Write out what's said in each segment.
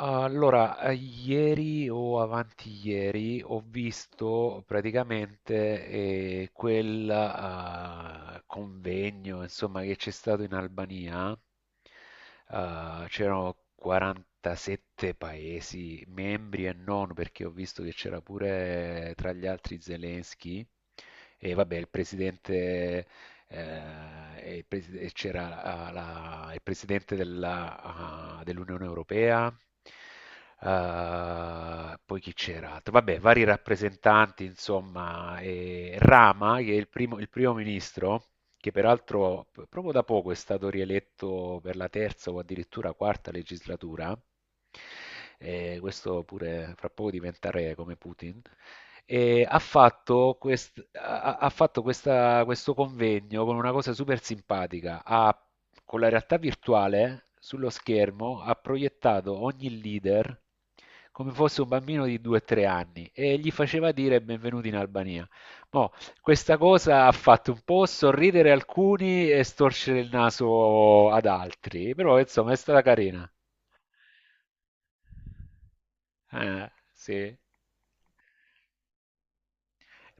Allora, ieri o avanti ieri ho visto praticamente quel convegno, insomma, che c'è stato in Albania. C'erano 47 paesi membri e non, perché ho visto che c'era pure tra gli altri Zelensky e vabbè, il presidente eh, e c'era il presidente dell'Unione Europea. Poi chi c'era altro? Vabbè, vari rappresentanti, insomma, e Rama, che è il primo ministro, che peraltro proprio da poco è stato rieletto per la terza o addirittura quarta legislatura, e questo pure fra poco diventerà re come Putin. E ha fatto questo convegno con una cosa super simpatica. Con la realtà virtuale sullo schermo ha proiettato ogni leader come fosse un bambino di 2-3 anni e gli faceva dire benvenuti in Albania. Mo, questa cosa ha fatto un po' sorridere alcuni e storcere il naso ad altri, però insomma è stata carina. Sì.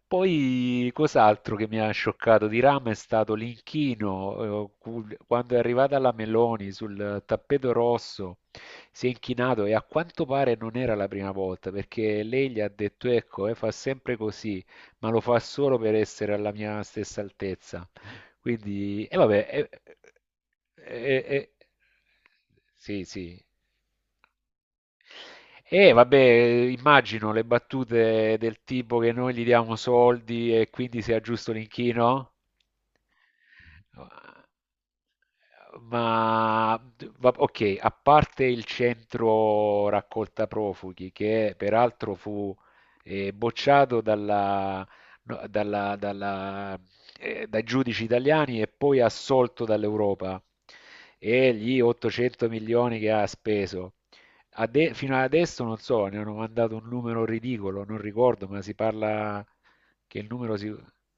Poi cos'altro che mi ha scioccato di Rame è stato l'inchino, quando è arrivata la Meloni sul tappeto rosso, si è inchinato e a quanto pare non era la prima volta, perché lei gli ha detto, ecco, fa sempre così, ma lo fa solo per essere alla mia stessa altezza. Quindi, e vabbè, eh, eh, sì, sì. E vabbè, immagino le battute del tipo che noi gli diamo soldi e quindi sia giusto l'inchino. Ok, a parte il centro raccolta profughi, che peraltro fu bocciato no, dai giudici italiani e poi assolto dall'Europa, e gli 800 milioni che ha speso. Fino ad adesso non so, ne hanno mandato un numero ridicolo, non ricordo, ma si parla che il numero si.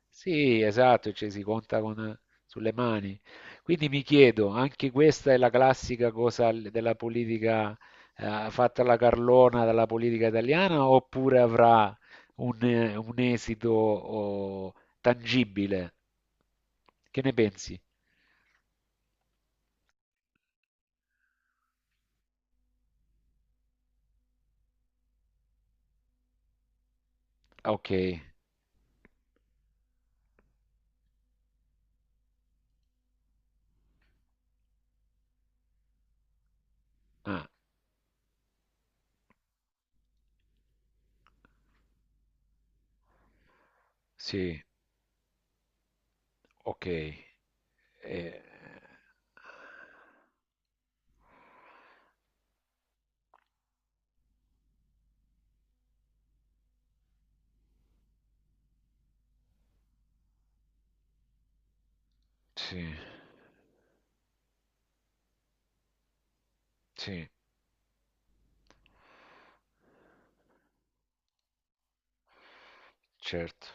Sì, esatto, cioè si conta sulle mani. Quindi mi chiedo, anche questa è la classica della politica fatta alla carlona dalla politica italiana, oppure avrà un esito tangibile? Che ne pensi? Ah, ok, ah, sì, ok. Eh, sì, sì, certo,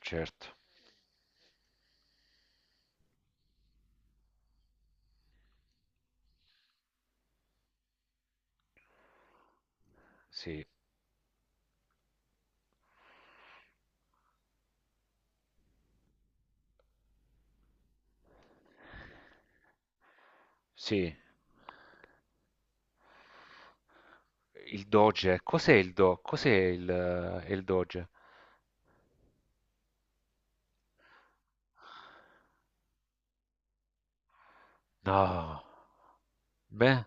certo, sì, sì. Il Doge, cos'è il Do? Cos'è il Doge? No. Beh,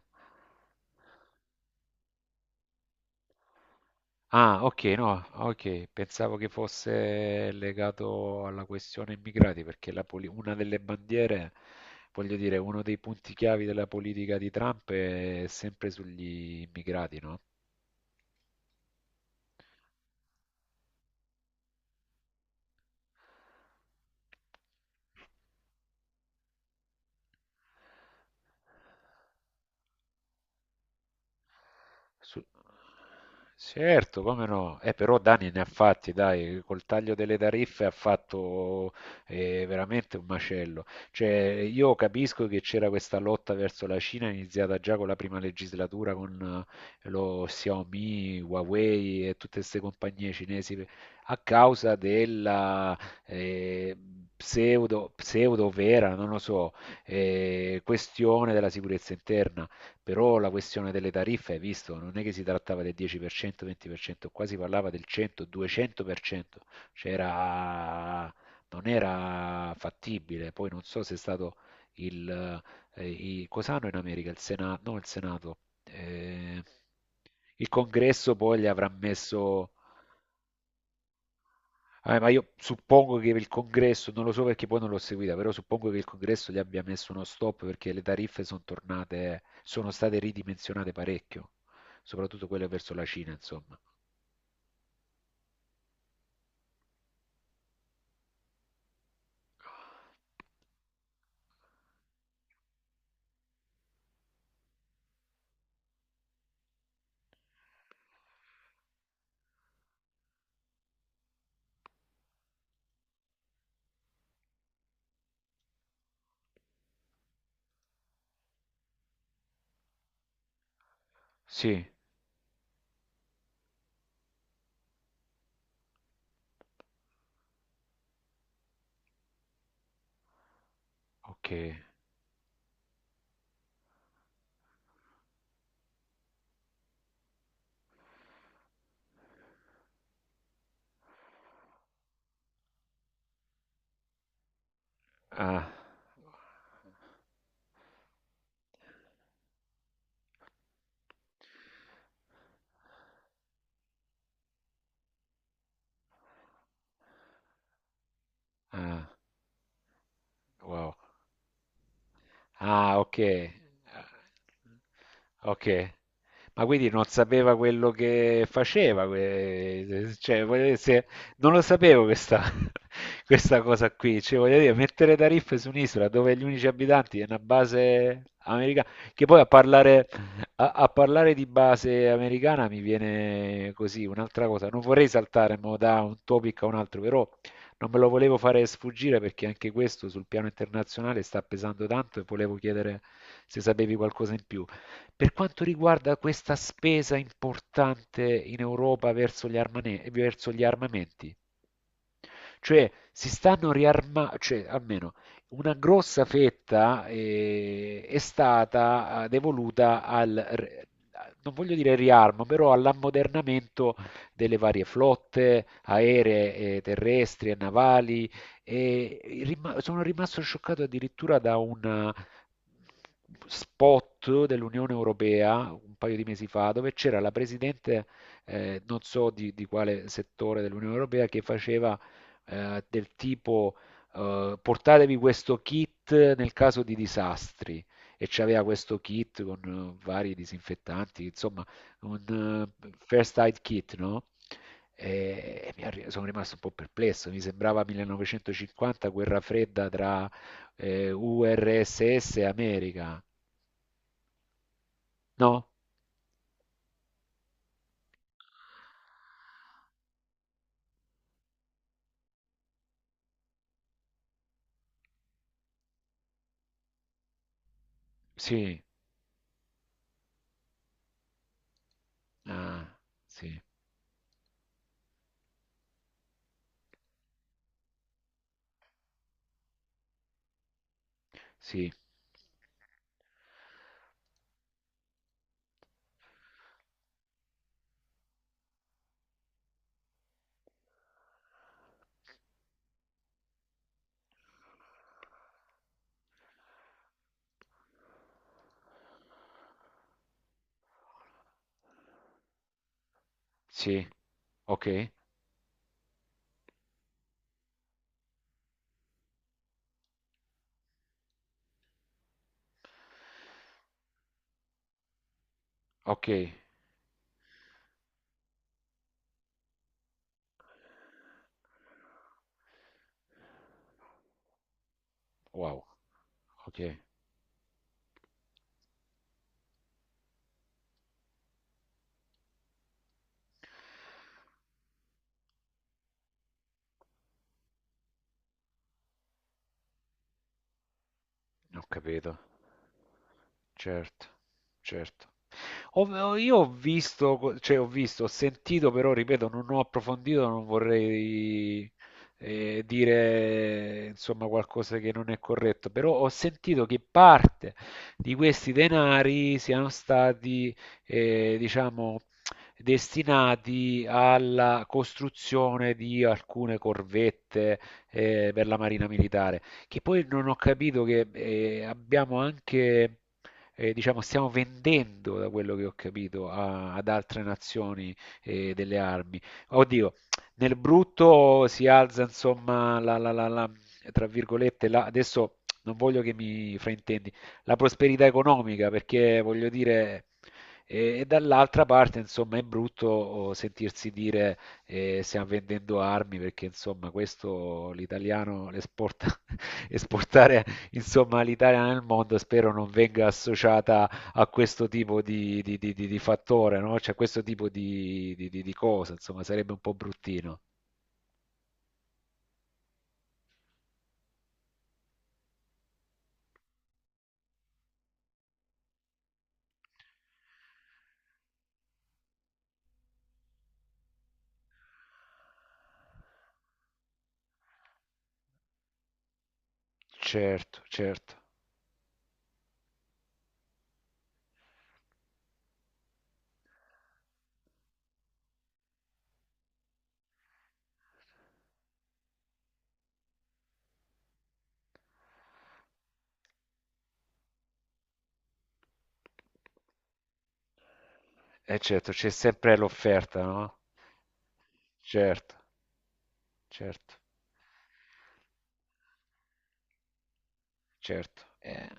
ah, ok, no, ok, pensavo che fosse legato alla questione immigrati, perché una delle bandiere, voglio dire, uno dei punti chiavi della politica di Trump è sempre sugli immigrati, no? Su- Certo, come no? Però Dani ne ha fatti, dai, col taglio delle tariffe ha fatto veramente un macello. Cioè, io capisco che c'era questa lotta verso la Cina iniziata già con la prima legislatura con lo Xiaomi, Huawei e tutte queste compagnie cinesi a causa della eh, pseudo vera, non lo so, questione della sicurezza interna, però la questione delle tariffe, hai visto, non è che si trattava del 10%, 20%, qua si parlava del 100, 200%, cioè era- non era fattibile. Poi non so se è stato il... cos'hanno in America? Il Senato, no, il Senato. eh, il congresso poi gli avrà messo. Ma io suppongo che il congresso, non lo so perché poi non l'ho seguita, però suppongo che il congresso gli abbia messo uno stop perché le tariffe sono tornate, sono state ridimensionate parecchio, soprattutto quelle verso la Cina, insomma. Sì, ok. Ah, ah, wow. Ah, ok. Ok. Ma quindi non sapeva quello che faceva, cioè, voglio dire, non lo sapevo questa, questa cosa qui, cioè, voglio dire, mettere tariffe su un'isola dove gli unici abitanti è una base americana, che poi a parlare, a parlare di base americana mi viene così un'altra cosa, non vorrei saltare mo da un topic a un altro, però non me lo volevo fare sfuggire perché anche questo sul piano internazionale sta pesando tanto e volevo chiedere se sapevi qualcosa in più. Per quanto riguarda questa spesa importante in Europa verso gli armamenti, cioè si stanno riarma cioè almeno una grossa fetta, è stata, devoluta al r non voglio dire riarmo, però all'ammodernamento delle varie flotte aeree e terrestri e navali, e i rima sono rimasto scioccato addirittura da un spot dell'Unione Europea, un paio di mesi fa, dove c'era la presidente, non so di quale settore dell'Unione Europea, che faceva del tipo portatevi questo kit nel caso di disastri e c'aveva questo kit con vari disinfettanti, insomma, un first aid kit, no? E sono rimasto un po' perplesso, mi sembrava 1950, guerra fredda tra URSS e America. No? Sì, ah, sì, sì, sì, ok, ok, wow, ok, ho capito. Certo, certo. Io ho visto, cioè ho visto, ho sentito, però ripeto, non ho approfondito, non vorrei dire insomma qualcosa che non è corretto, però ho sentito che parte di questi denari siano stati, diciamo, destinati alla costruzione di alcune corvette per la Marina Militare, che poi non ho capito che abbiamo anche diciamo, stiamo vendendo, da quello che ho capito, ad altre nazioni delle armi. Oddio, nel brutto si alza, insomma, tra virgolette, adesso non voglio che mi fraintendi, la prosperità economica, perché voglio dire. E dall'altra parte, insomma, è brutto sentirsi dire stiamo vendendo armi perché, insomma, questo l'italiano l'esporta esportare insomma l'Italia nel mondo spero non venga associata a questo tipo di fattore, no? Cioè a questo tipo di cosa, insomma sarebbe un po' bruttino. Certo, certo, certo, c'è sempre l'offerta, no? Certo, certo, certo.